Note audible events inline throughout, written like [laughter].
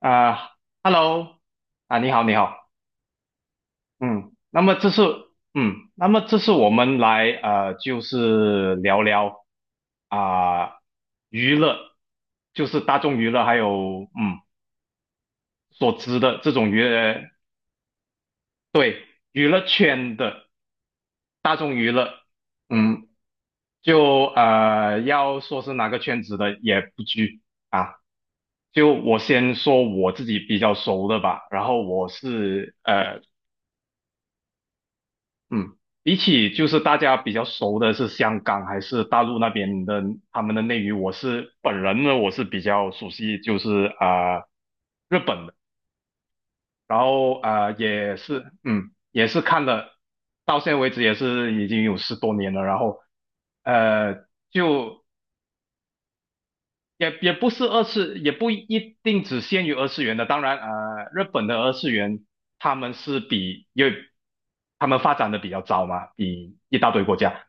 啊，Hello，啊，你好，你好，嗯，那么这是我们来，就是聊聊啊，娱乐，就是大众娱乐，还有所知的这种娱乐，对，娱乐圈的大众娱乐，嗯，就要说是哪个圈子的也不拘啊。就我先说我自己比较熟的吧，然后我是呃嗯，比起就是大家比较熟的是香港还是大陆那边的他们的内娱，我是本人呢，我是比较熟悉就是日本的，然后也是看了，到现在为止也是已经有十多年了，然后就也不是二次，也不一定只限于二次元的。当然，日本的二次元他们是比，因为他们发展的比较早嘛，比一大堆国家。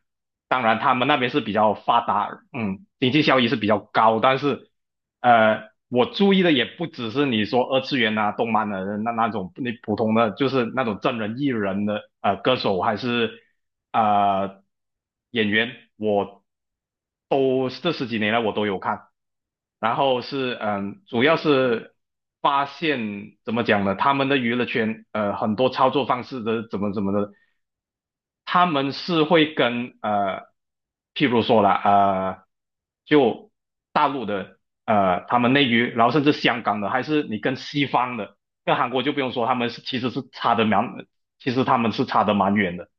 当然，他们那边是比较发达，经济效益是比较高。但是，我注意的也不只是你说二次元啊、动漫的那种，你普通的就是那种真人艺人的，歌手还是呃演员，这十几年来我都有看。然后是主要是发现怎么讲呢？他们的娱乐圈很多操作方式的怎么怎么的，他们是会跟譬如说了就大陆的他们内娱，然后甚至香港的，还是你跟西方的，跟韩国就不用说，他们是其实是差的蛮，其实他们是差的蛮远的。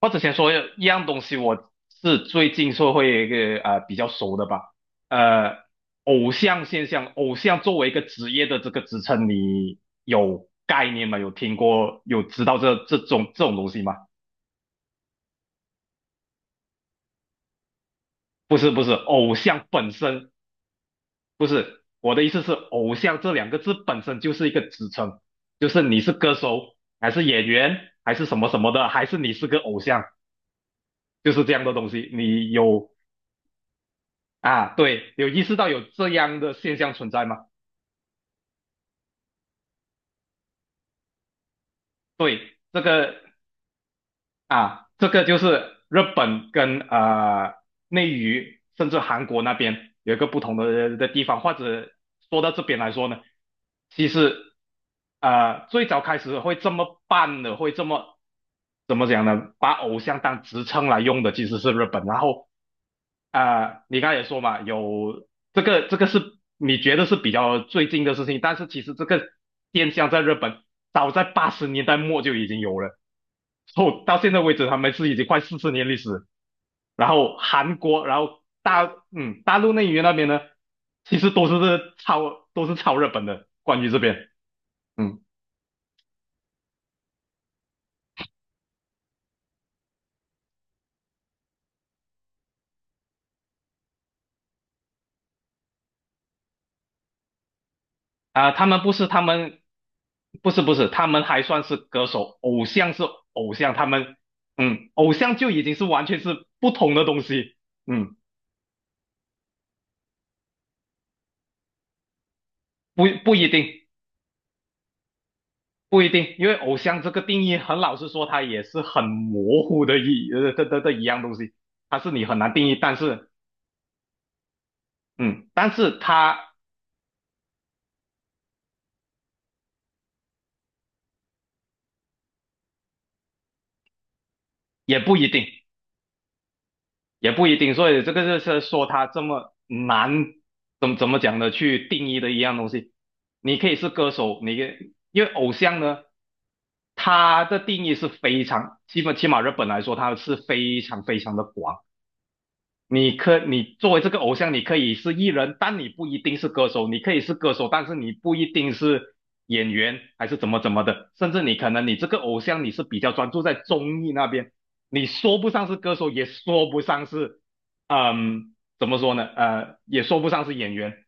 我之前说一样东西，我是最近社会一个比较熟的吧，呃，偶像现象，偶像作为一个职业的这个职称，你有概念吗？有听过，有知道这种东西吗？不是不是，偶像本身不是，我的意思是偶像这两个字本身就是一个职称，就是你是歌手还是演员还是什么什么的，还是你是个偶像，就是这样的东西，你有。啊，对，有意识到有这样的现象存在吗？对，这个就是日本跟内娱，甚至韩国那边有一个不同的地方，或者说到这边来说呢，其实最早开始会这么办的，会这么怎么讲呢？把偶像当职称来用的其实是日本，然后你刚才也说嘛，有这个是你觉得是比较最近的事情，但是其实这个现象在日本早在80年代末就已经有了，后到现在为止他们是已经快40年历史。然后韩国，然后大陆内娱那边呢，其实都是超日本的，关于这边。嗯。啊、他们不是他们，不是不是，他们还算是歌手，偶像是偶像，他们偶像就已经是完全是不同的东西，嗯，不不一定不一定，因为偶像这个定义，很老实说，它也是很模糊的一呃的的的一样东西，它是你很难定义，但是嗯，但是它也不一定，也不一定，所以这个就是说他这么难，怎么讲呢？去定义的一样东西，你可以是歌手，你可以因为偶像呢，他的定义是非常，基本起码日本来说，他是非常非常的广。你作为这个偶像，你可以是艺人，但你不一定是歌手；你可以是歌手，但是你不一定是演员，还是怎么怎么的。甚至你可能你这个偶像你是比较专注在综艺那边，你说不上是歌手，也说不上是，怎么说呢？也说不上是演员。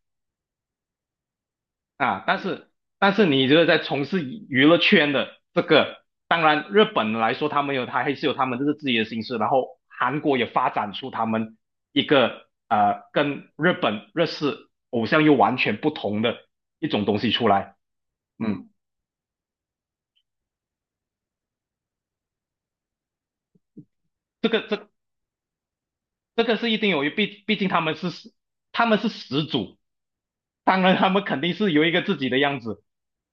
啊，但是你觉得在从事娱乐圈的这个，当然日本来说，他还是有他们这个自己的形式，然后韩国也发展出他们一个跟日本日式偶像又完全不同的一种东西出来，嗯，这个这这个是一定有，毕竟他们是他们是始祖，当然他们肯定是有一个自己的样子，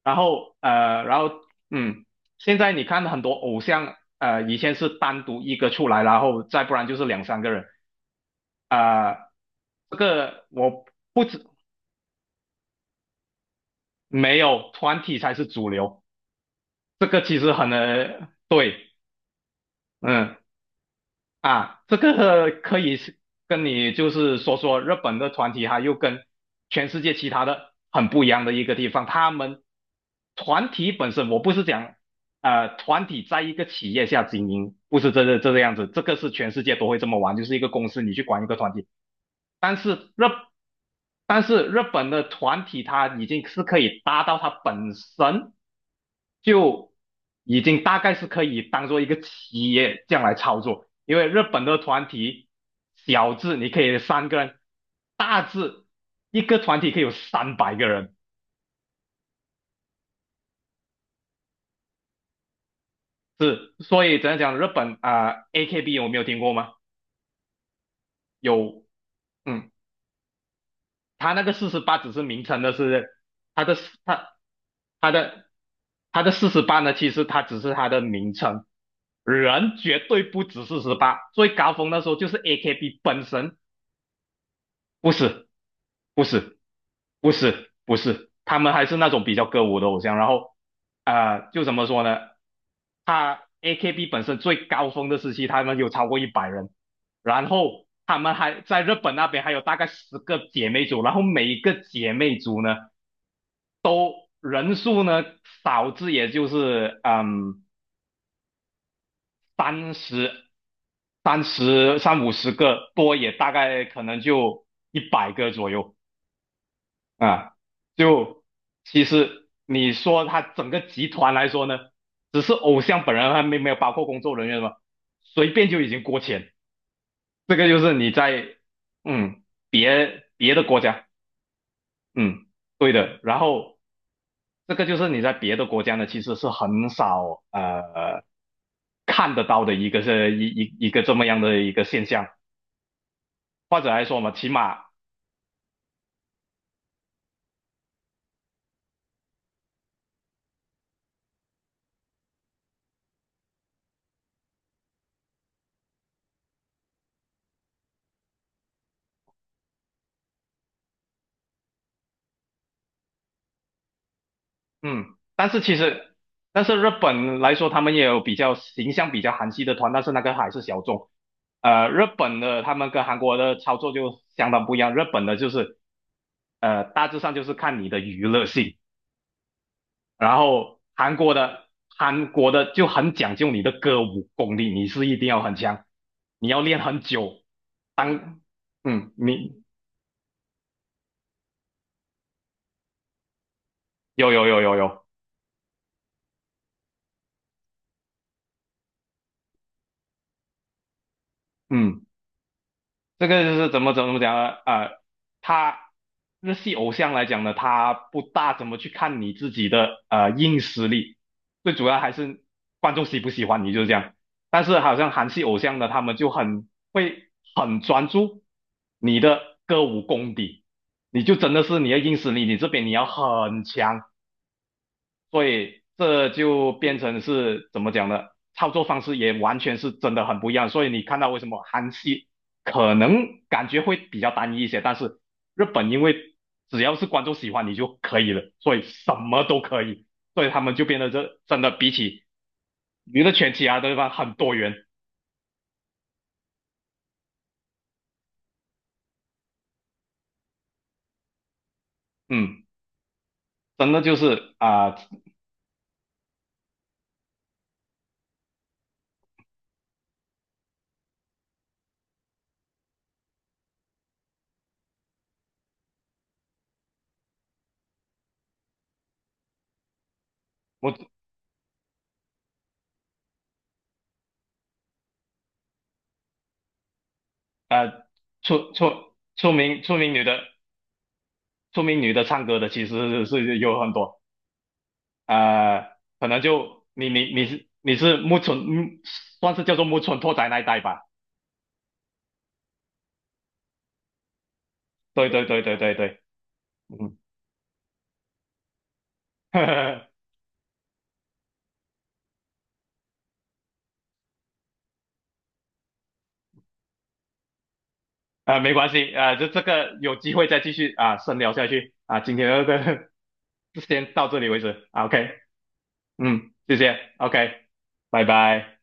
然后然后嗯，现在你看很多偶像，呃，以前是单独一个出来，然后再不然就是两三个人，啊、这个我没有团体才是主流，这个其实很对，嗯。啊，这个可以是跟你就是说说日本的团体，哈，又跟全世界其他的很不一样的一个地方。他们团体本身，我不是讲团体在一个企业下经营，不是这个样子，这个是全世界都会这么玩，就是一个公司你去管一个团体，但是日，但是日本的团体它已经是可以达到它本身就已经大概是可以当做一个企业这样来操作，因为日本的团体小字你可以三个人，大字一个团体可以有300个人，是，所以怎样讲，日本啊、AKB 有没有听过吗？有，嗯，他那个四十八只是名称的是他的他。他的他的四十八呢，其实他只是他的名称，人绝对不止四十八。最高峰那时候就是 AKB 本身，不是不是不是不是，他们还是那种比较歌舞的偶像。然后就怎么说呢？他 AKB 本身最高峰的时期，他们有超过100人，然后他们还在日本那边还有大概十个姐妹组，然后每一个姐妹组呢都人数呢少至也就是三十、三十、三五十个，多也大概可能就100个左右啊。就其实你说他整个集团来说呢，只是偶像本人还没没有包括工作人员嘛，随便就已经过千。这个就是你在嗯别的国家，嗯对的。然后这个就是你在别的国家呢，其实是很少看得到的一个是一个这么样的一个现象。或者来说嘛，起码嗯，但是其实，但是日本来说，他们也有比较形象比较韩系的团，但是那个还是小众。日本的他们跟韩国的操作就相当不一样，日本的就是大致上就是看你的娱乐性，然后韩国的就很讲究你的歌舞功力，你是一定要很强，你要练很久。当你有有有有有，嗯。这个就是怎么讲呢？他日系偶像来讲呢，他不大怎么去看你自己的硬实力，最主要还是观众喜不喜欢你，就是这样。但是好像韩系偶像呢，他们就很会很专注你的歌舞功底，你就真的是你的硬实力，你这边你要很强，所以这就变成是怎么讲呢？操作方式也完全是真的很不一样。所以你看到为什么韩系可能感觉会比较单一一些，但是日本因为只要是观众喜欢你就可以了，所以什么都可以，所以他们就变得这真的比起娱乐圈其他的地方很多元。嗯，真的就是啊、我呃出出出名出名女的出名女的唱歌的其实是有很多。呃，可能就你是木村，嗯，算是叫做木村拓哉那一代吧。对对对对对对，嗯，[laughs] 呵呵没关系，就这个有机会再继续啊、深聊下去啊、今天的这个 [laughs] 先到这里为止 OK 嗯，谢谢，OK，拜拜。